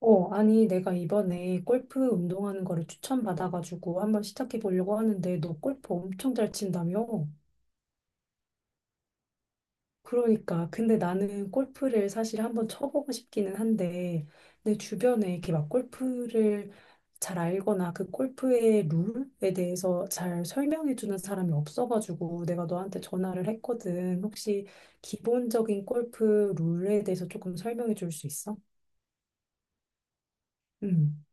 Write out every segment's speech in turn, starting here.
어, 아니, 내가 이번에 골프 운동하는 거를 추천받아가지고 한번 시작해 보려고 하는데, 너 골프 엄청 잘 친다며? 그러니까. 근데 나는 골프를 사실 한번 쳐보고 싶기는 한데, 내 주변에 이렇게 막 골프를 잘 알거나 그 골프의 룰에 대해서 잘 설명해 주는 사람이 없어가지고 내가 너한테 전화를 했거든. 혹시 기본적인 골프 룰에 대해서 조금 설명해 줄 수 있어? 응,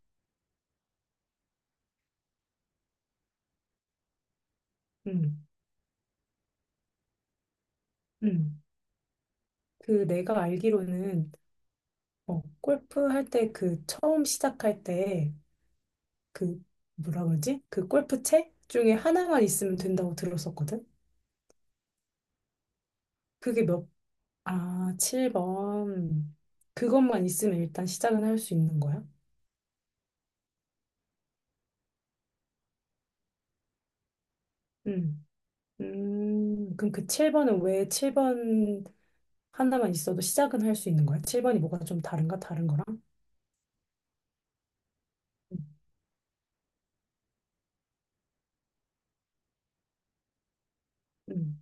응, 응. 그 내가 알기로는 골프 할 때 그 처음 시작할 때 그 뭐라 그러지? 그 골프채 중에 하나만 있으면 된다고 들었었거든? 그게 몇, 아, 7번. 그것만 있으면 일단 시작은 할 수 있는 거야? 음. 그럼 그 7번은 왜 7번 하나만 있어도 시작은 할 수 있는 거야? 7번이 뭐가 좀 다른가? 다른 거랑? 음. 음.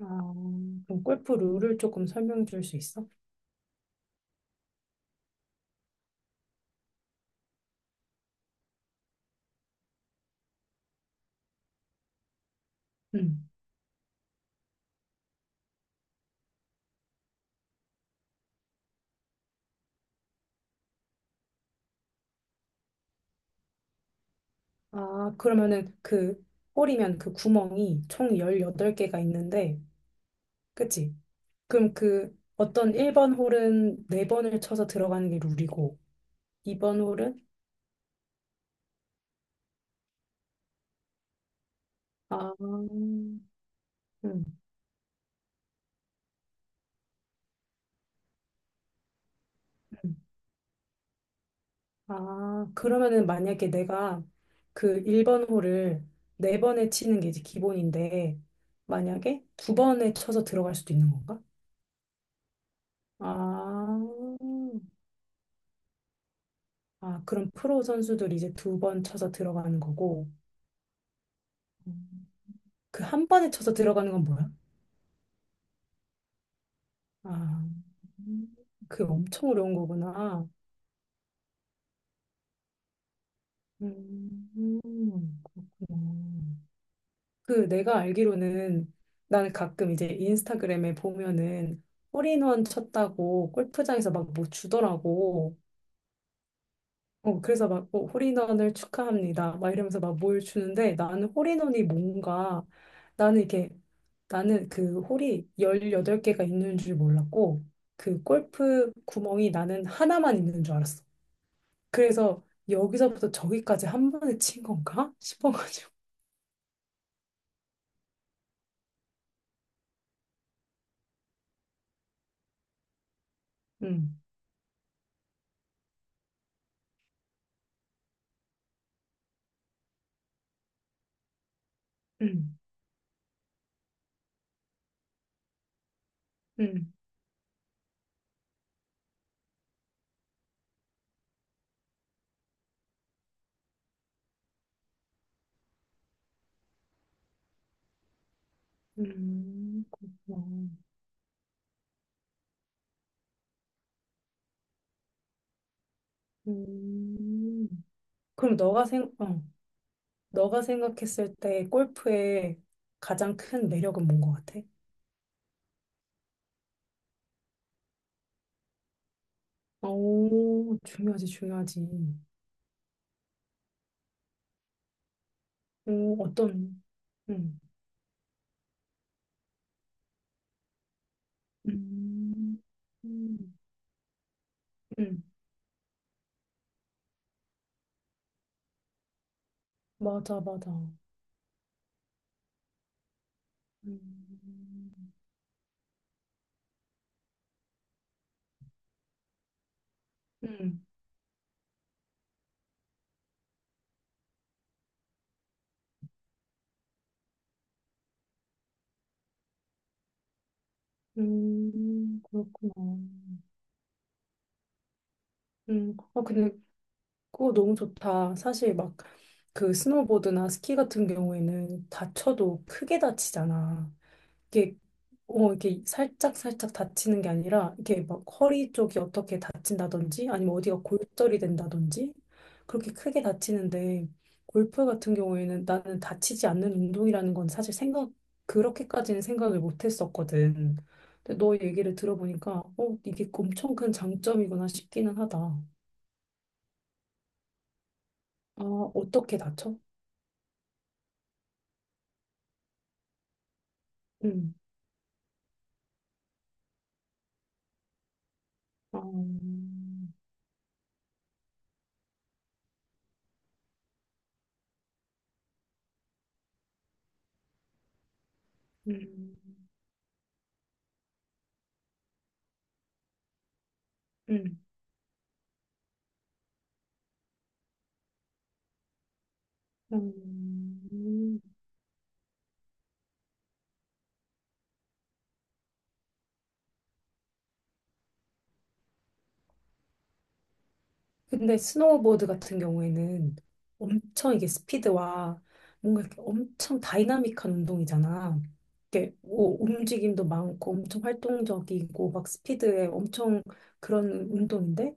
아, 그럼 골프 룰을 조금 설명해 줄 수 있어? 음. 아, 그러면은 그 홀이면 그 구멍이 총 18개가 있는데, 그치? 그럼 그 어떤 1번 홀은 4번을 쳐서 들어가는 게 룰이고, 2번 홀은? 아, 음. 아, 그러면은 만약에 내가 그 1번 홀을 4번에 치는 게 이제 기본인데, 만약에 두번에 쳐서 들어갈 수도 있는 건가? 아, 아, 그럼 프로 선수들이 이제 두 번 쳐서 들어가는 거고, 그 한 번에 쳐서 들어가는 건 뭐야? 아, 음, 그게 엄청 어려운 거구나. 그렇구나. 그 내가 알기로는 나는 가끔 이제 인스타그램에 보면은 홀인원 쳤다고 골프장에서 막 뭐 주더라고. 어, 그래서 막, 뭐, 홀인원을 축하합니다. 막 이러면서 막 뭘 주는데 나는 홀인원이 뭔가 나는 이게 나는 그 홀이 18개가 있는 줄 몰랐고 그 골프 구멍이 나는 하나만 있는 줄 알았어. 그래서 여기서부터 저기까지 한 번에 친 건가? 싶어가지고. 음, 음, 음, 그렇구나. 음. 그럼 너가 생각했을 때 골프의 가장 큰 매력은 뭔 것 같아? 오, 중요하지, 중요하지. 오, 어떤, 응, 음, 음, 응, 맞아, 맞아. 음. 응, 그렇구나. 응, 아, 근데 그거 너무 좋다. 사실 막 그 스노보드나 스키 같은 경우에는 다쳐도 크게 다치잖아. 이게 어 이게 살짝 살짝 다치는 게 아니라 이게 막 허리 쪽이 어떻게 다친다든지 아니면 어디가 골절이 된다든지 그렇게 크게 다치는데 골프 같은 경우에는 나는 다치지 않는 운동이라는 건 사실 생각 그렇게까지는 생각을 못 했었거든. 근데 너 얘기를 들어보니까 어 이게 엄청 큰 장점이구나 싶기는 하다. 아 어떻게 다쳐? 음. 아, 음. 음. 음. 근데 스노우보드 같은 경우에는 엄청 이게 스피드와 뭔가 이렇게 엄청 다이나믹한 운동이잖아. 이렇게 뭐 움직임도 많고 엄청 활동적이고 막 스피드에 엄청 그런 운동인데,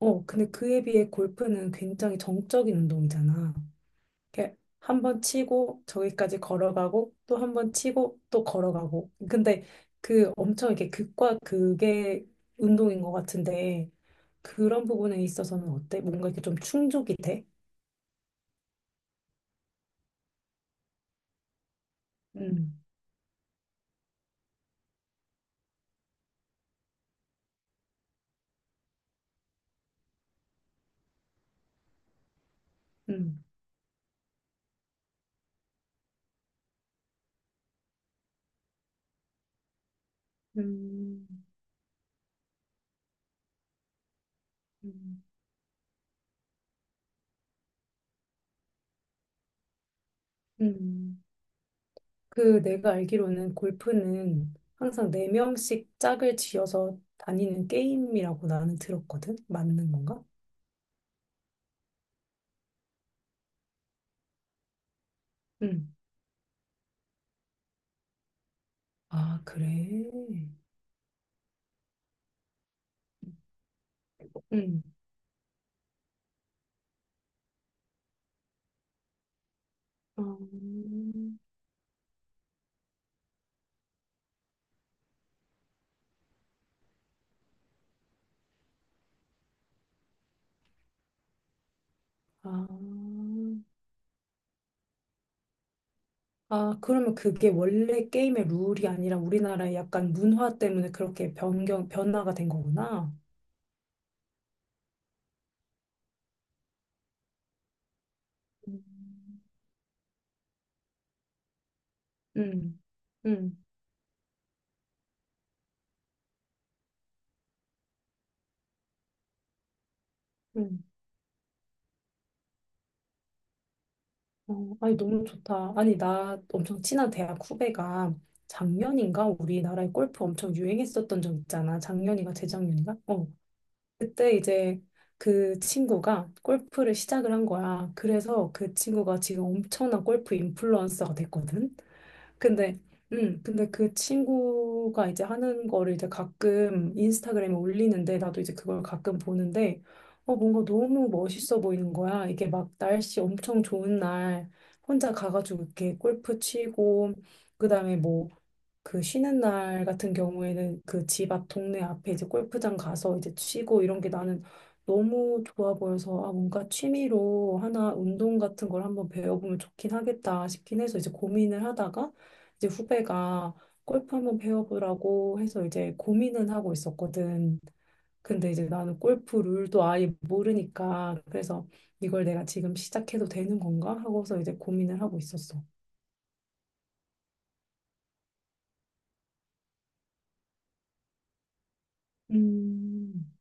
어, 근데 그에 비해 골프는 굉장히 정적인 운동이잖아. 이렇게 한 번 치고 저기까지 걸어가고 또 한 번 치고 또 걸어가고. 근데 그 엄청 이렇게 극과 극의 운동인 것 같은데 그런 부분에 있어서는 어때? 뭔가 이렇게 좀 충족이 돼? 음, 음, 음, 음, 음. 그 내가 알기로는 골프는 항상 네명씩 짝을 지어서 다니는 게임이라고 나는 들었거든? 맞는 건가? 음. 아, 그래. 음. 어, 아, 아, 그러면 그게 원래 게임의 룰이 아니라 우리나라의 약간 문화 때문에 그렇게 변화가 된 거구나. 음. 음, 음, 음. 어, 아니, 너무 좋다. 아니, 나 엄청 친한 대학 후배가 작년인가 우리나라에 골프 엄청 유행했었던 적 있잖아. 작년인가 재작년인가? 어. 그때 이제 그 친구가 골프를 시작을 한 거야. 그래서 그 친구가 지금 엄청난 골프 인플루언서가 됐거든. 근데, 근데 그 친구가 이제 하는 거를 이제 가끔 인스타그램에 올리는데, 나도 이제 그걸 가끔 보는데, 어, 뭔가 너무 멋있어 보이는 거야. 이게 막 날씨 엄청 좋은 날, 혼자 가가지고 이렇게 골프 치고, 그 다음에 뭐, 그 쉬는 날 같은 경우에는 그 집 앞 동네 앞에 이제 골프장 가서 이제 치고 이런 게 나는 너무 좋아 보여서 아 뭔가 취미로 하나 운동 같은 걸 한번 배워보면 좋긴 하겠다 싶긴 해서 이제 고민을 하다가 이제 후배가 골프 한번 배워보라고 해서 이제 고민은 하고 있었거든. 근데 이제 나는 골프 룰도 아예 모르니까 그래서 이걸 내가 지금 시작해도 되는 건가 하고서 이제 고민을 하고 있었어. 음,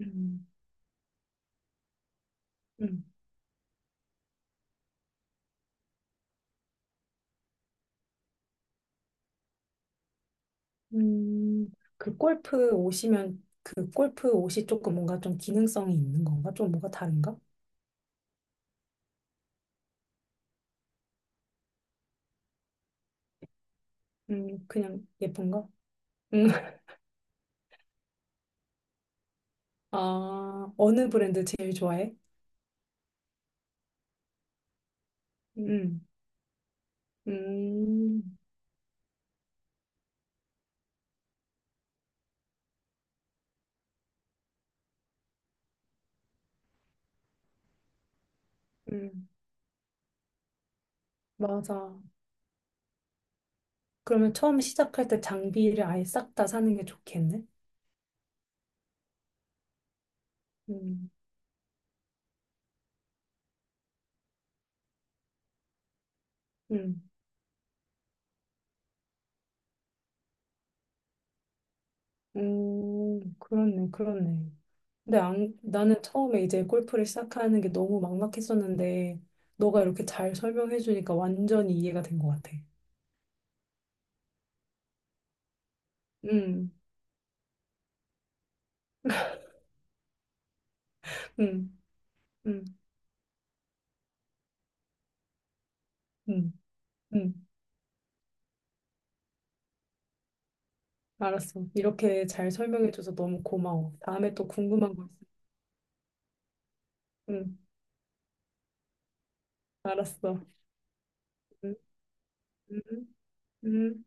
음, 음. 음, 그 골프 옷이면 그 골프 옷이 조금 뭔가 좀 기능성이 있는 건가? 좀 뭐가 다른가? 그냥 예쁜가? 음, 아, 어느 브랜드 제일 좋아해? 음, 음, 음, 맞아. 그러면 처음 시작할 때 장비를 아예 싹 다 사는 게 좋겠네? 음, 음, 그렇네, 그렇네. 근데 안, 나는 처음에 이제 골프를 시작하는 게 너무 막막했었는데, 너가 이렇게 잘 설명해주니까 완전히 이해가 된 것 같아. 음, 음, 음, 음, 음. 알았어. 이렇게 잘 설명해줘서 너무 고마워. 다음에 또 궁금한 거 있어. 응 알았어. 음, 음, 음.